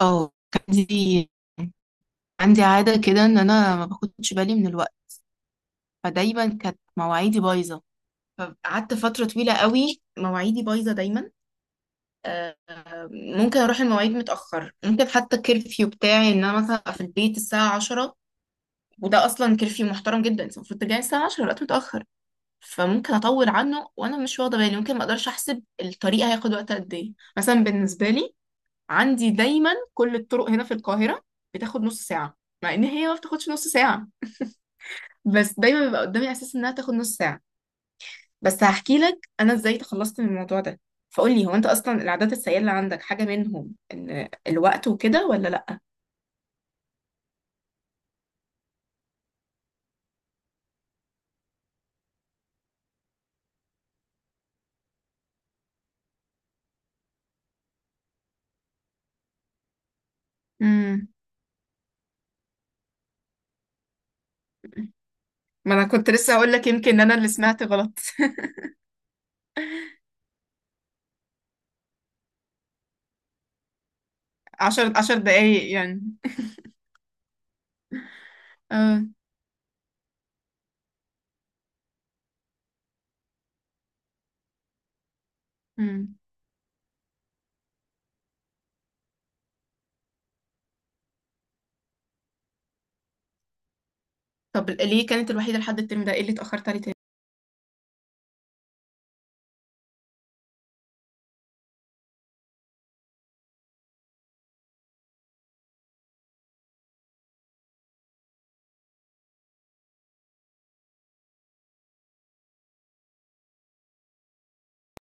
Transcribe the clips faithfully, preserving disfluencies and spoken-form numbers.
اه، كان عندي. عندي عادة كده ان انا ما باخدش بالي من الوقت. فدايما كانت مواعيدي بايظة. فقعدت فترة طويلة قوي مواعيدي بايظة دايما. آه، ممكن اروح المواعيد متأخر، ممكن حتى الكرفيو بتاعي ان انا مثلا ابقى في البيت الساعة عشرة. وده اصلا كرفيو محترم جدا، انت المفروض ترجعي الساعة عشرة، الوقت متأخر. فممكن اطول عنه وانا مش واخدة بالي، ممكن ما اقدرش احسب الطريق هياخد وقت قد ايه مثلا بالنسبة لي. عندي دايما كل الطرق هنا في القاهرة بتاخد نص ساعة، مع ان هي ما بتاخدش نص ساعة، بس دايما بيبقى قدامي احساس انها تاخد نص ساعة. بس هحكي لك انا ازاي تخلصت من الموضوع ده. فقول لي، هو انت اصلا العادات السيئة اللي عندك حاجة منهم ان الوقت وكده ولا لا؟ امم. ما انا كنت لسه هقول لك، يمكن انا اللي سمعت غلط. عشر عشر دقايق يعني. اه. امم. طب ليه كانت الوحيدة لحد الترم ده؟ ايه اللي اتأخرت عليه تاني؟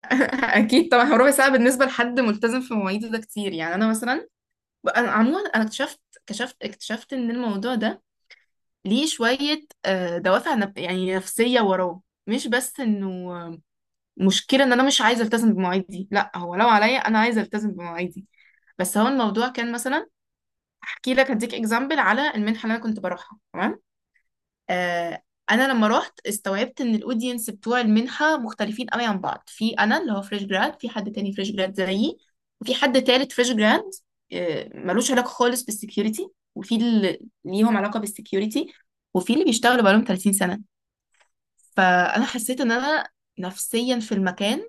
اكيد طبعا، هو ربع ساعة بالنسبة لحد ملتزم في مواعيده ده كتير، يعني انا مثلا. انا عموما انا اكتشفت اكتشفت اكتشفت ان الموضوع ده ليه شويه آه، دوافع نف- يعني نفسيه وراه، مش بس انه آه، مشكله ان انا مش عايزه التزم بمواعيدي. لا هو لو عليا انا عايزه التزم بمواعيدي. بس هو الموضوع كان مثلا. احكي لك هديك اكزامبل على المنحه اللي انا كنت بروحها، تمام. آه، انا لما رحت، استوعبت ان الاودينس بتوع المنحه مختلفين قوي عن بعض. في انا اللي هو فريش جراد، في حد تاني فريش جراد زيي، وفي حد تالت فريش جراد آه، ملوش علاقه خالص بالسكيورتي، وفي اللي ليهم علاقه بالسكيورتي، وفي اللي بيشتغلوا بقالهم تلاتين سنه. فانا حسيت ان انا نفسيا في المكان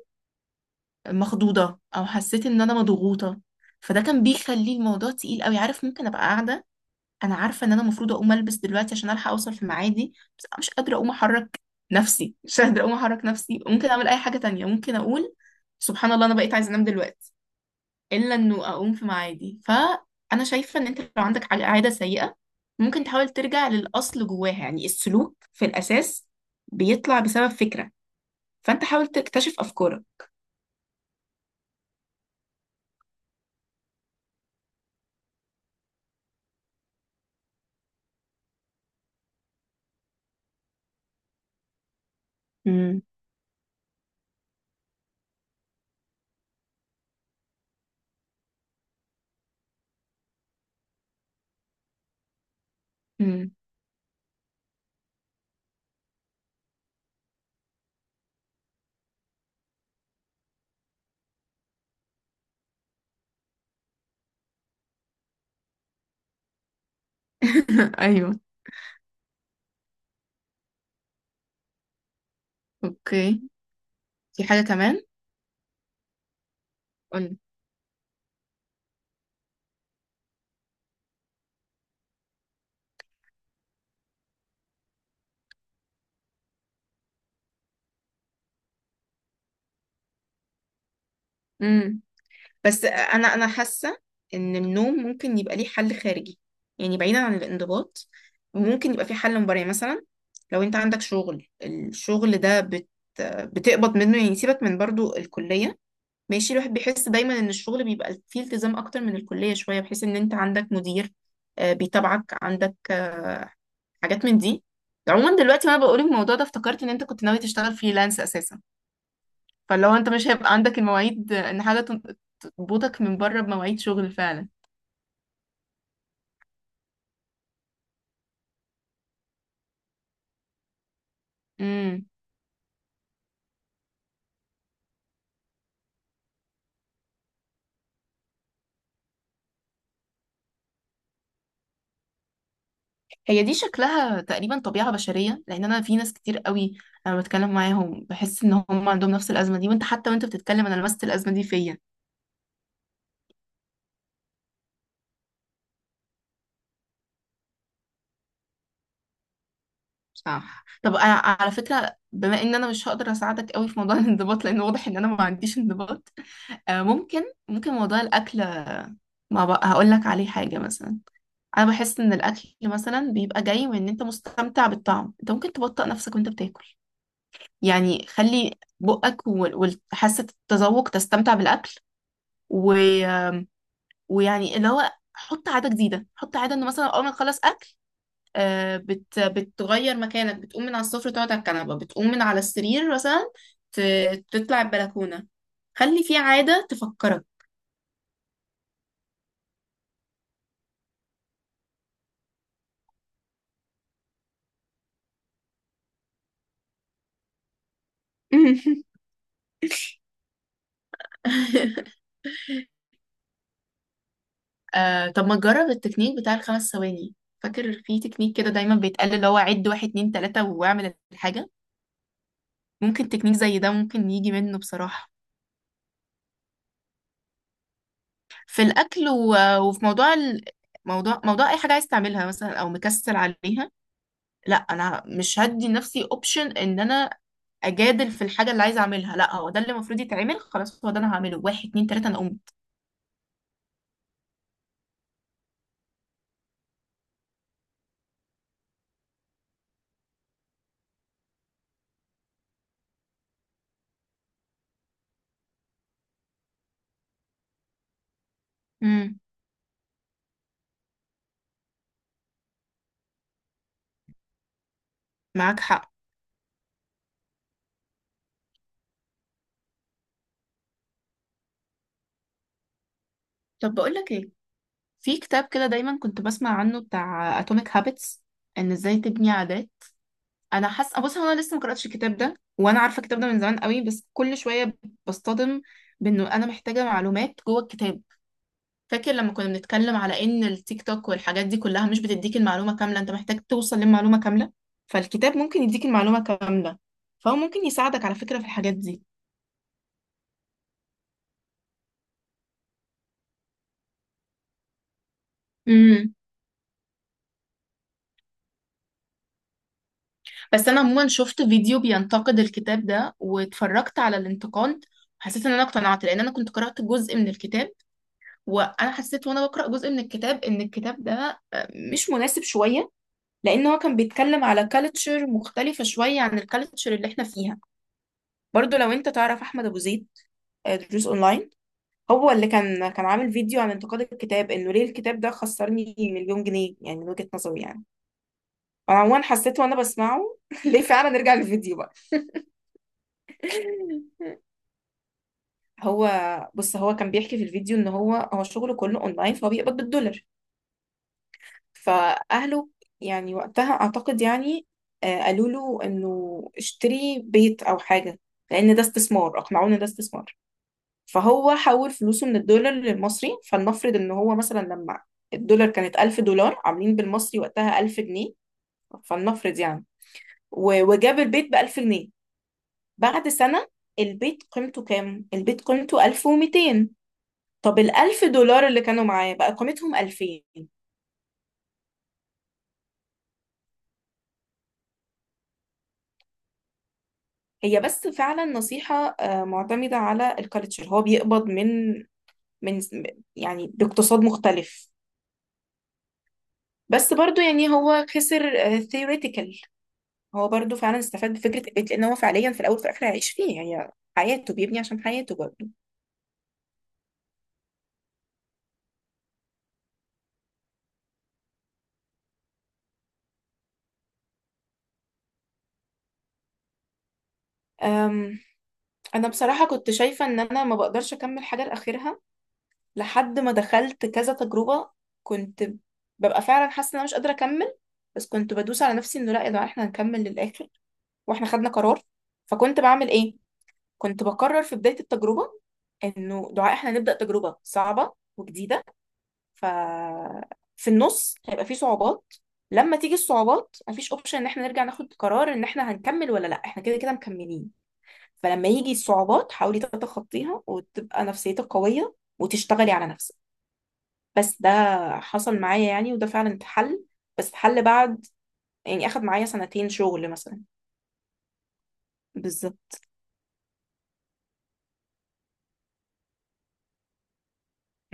مخضوضه، او حسيت ان انا مضغوطه. فده كان بيخلي الموضوع تقيل قوي، عارف؟ ممكن ابقى قاعده. انا عارفه ان انا المفروض اقوم البس دلوقتي عشان الحق اوصل في ميعادي. بس انا مش قادره اقوم احرك نفسي، مش قادره اقوم احرك نفسي. ممكن اعمل اي حاجه تانية، ممكن اقول سبحان الله، انا بقيت عايزه انام دلوقتي الا انه اقوم في ميعادي. فانا شايفه ان انت لو عندك عل- عاده سيئه، ممكن تحاول ترجع للاصل جواها، يعني السلوك في الاساس بيطلع بسبب فكره. فانت حاول تكتشف افكارك. امم. امم. ايوه. اوكي. في حاجه كمان؟ قولي. بس انا انا حاسه ان النوم ممكن يبقى ليه حل خارجي، يعني بعيدا عن الانضباط. ممكن يبقى في حل مباري مثلا. لو انت عندك شغل، الشغل ده بت بتقبض منه، يعني سيبك من برضو الكليه. ماشي، الواحد بيحس دايما ان الشغل بيبقى فيه التزام اكتر من الكليه شويه، بحيث ان انت عندك مدير آه، بيتابعك، عندك آه، حاجات من دي. عموما دلوقتي وانا بقول الموضوع ده، افتكرت ان انت كنت ناوي تشتغل فريلانس اساسا. فلو انت مش هيبقى عندك المواعيد ان حاجة تن- تربطك من بره بمواعيد شغل فعلا. امم. هي دي شكلها تقريبا طبيعة بشرية، لان انا في ناس كتير قوي انا بتكلم معاهم بحس ان هم عندهم نفس الازمة دي. وانت حتى، وانت بتتكلم، انا لمست الازمة دي فيا. صح. طب أنا على فكرة، بما ان انا مش هقدر اساعدك قوي في موضوع الانضباط، لان واضح ان انا ما عنديش انضباط. آه، ممكن ممكن موضوع الاكل، ما بقى هقول لك عليه حاجة مثلا. انا بحس ان الاكل مثلا بيبقى جاي من ان انت مستمتع بالطعم. انت ممكن تبطئ نفسك وانت بتاكل، يعني خلي بقك وال- وحاسه التذوق تستمتع بالاكل. و... ويعني اللي هو حط عاده جديده، حط عاده ان مثلا اول ما تخلص اكل آه، بت... بتغير مكانك، بتقوم من على السفره تقعد على الكنبه، بتقوم من على السرير مثلا، ت... تطلع البلكونه. خلي في عاده تفكرك. آه طب ما تجرب التكنيك بتاع الخمس ثواني. فاكر في تكنيك كده دايما بيتقال، اللي هو عد واحد اتنين تلاتة واعمل الحاجة. ممكن تكنيك زي ده ممكن يجي منه بصراحة. في الأكل، و- وفي موضوع ال... موضوع موضوع أي حاجة عايز تعملها مثلا أو مكسل عليها. لا، أنا مش هدي لنفسي أوبشن إن أنا أجادل في الحاجة اللي عايزة أعملها. لا، هو ده اللي المفروض يتعمل، خلاص هو ده أنا هعمله. واحد، اتنين، تلاتة، أنا قمت. امم. معاك حق. طب بقول لك إيه. في كتاب كده دايما كنت بسمع عنه، بتاع اتوميك هابتس، ان ازاي تبني عادات. انا حاسه، بص، هو انا لسه ما قراتش الكتاب ده، وانا عارفه الكتاب ده من زمان قوي، بس كل شويه بصطدم بانه انا محتاجه معلومات جوه الكتاب. فاكر لما كنا بنتكلم على ان التيك توك والحاجات دي كلها مش بتديك المعلومه كامله، انت محتاج توصل للمعلومه كامله. فالكتاب ممكن يديك المعلومه كامله. فهو ممكن يساعدك على فكره في الحاجات دي. بس انا عموما شفت فيديو بينتقد الكتاب ده، واتفرجت على الانتقاد، حسيت ان انا اقتنعت. لان انا كنت قرأت جزء من الكتاب، وانا حسيت وانا بقرأ جزء من الكتاب ان الكتاب ده آه، مش مناسب شوية. لان هو كان بيتكلم على كالتشر مختلفة شوية عن الكالتشر اللي احنا فيها. برضو لو انت تعرف احمد ابو زيد، آه، دروس اونلاين. هو اللي كان كان عامل فيديو عن انتقاد الكتاب، انه ليه الكتاب ده خسرني مليون جنيه، يعني من وجهة نظري يعني. انا عموما حسيت وانا بسمعه. ليه فعلا. نرجع للفيديو بقى. هو بص، هو كان بيحكي في الفيديو ان هو هو شغله كله اونلاين، فهو بيقبض بالدولار. فاهله. يعني وقتها اعتقد يعني، آه، قالوا له انه اشتري بيت او حاجه، لان ده استثمار. اقنعوه ان ده استثمار. فهو حول فلوسه من الدولار للمصري. فلنفرض ان هو مثلا، لما الدولار كانت ألف دولار عاملين بالمصري، وقتها ألف جنيه. فلنفرض يعني، و- وجاب البيت ب ألف جنيه. بعد سنه البيت قيمته كام؟ البيت قيمته ألف ومتين. طب الألف دولار اللي كانوا معاه بقى قيمتهم ألفين. هي بس فعلا نصيحة آه، معتمدة على الكالتشر. هو بيقبض من من يعني باقتصاد مختلف. بس برضو يعني هو خسر ثيوريتيكال. هو برضو فعلا استفاد بفكرة البيت، لأن هو فعليا في الأول وفي الآخر هيعيش فيه. هي حياته، بيبني عشان حياته برضو. أم، أنا بصراحة كنت شايفة إن أنا ما بقدرش أكمل حاجة لآخرها، لحد ما دخلت كذا تجربة. كنت ببقى فعلا حاسة ان انا مش قادرة اكمل. بس كنت بدوس على نفسي انه لا يا جماعة، احنا هنكمل للآخر، واحنا خدنا قرار. فكنت بعمل ايه؟ كنت بقرر في بداية التجربة انه دعاء احنا هنبدأ تجربة صعبة وجديدة. ف في النص هيبقى في صعوبات. لما تيجي الصعوبات، مفيش اوبشن ان احنا نرجع ناخد قرار ان احنا هنكمل ولا لا، احنا كده كده مكملين. فلما يجي الصعوبات حاولي تتخطيها وتبقى نفسيتك قوية وتشتغلي على نفسك. بس ده حصل معايا يعني، وده فعلا اتحل. بس اتحل بعد يعني، اخد معايا سنتين شغل مثلا. بالظبط،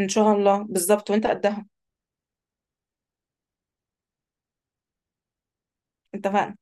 ان شاء الله بالظبط وانت قدها انت.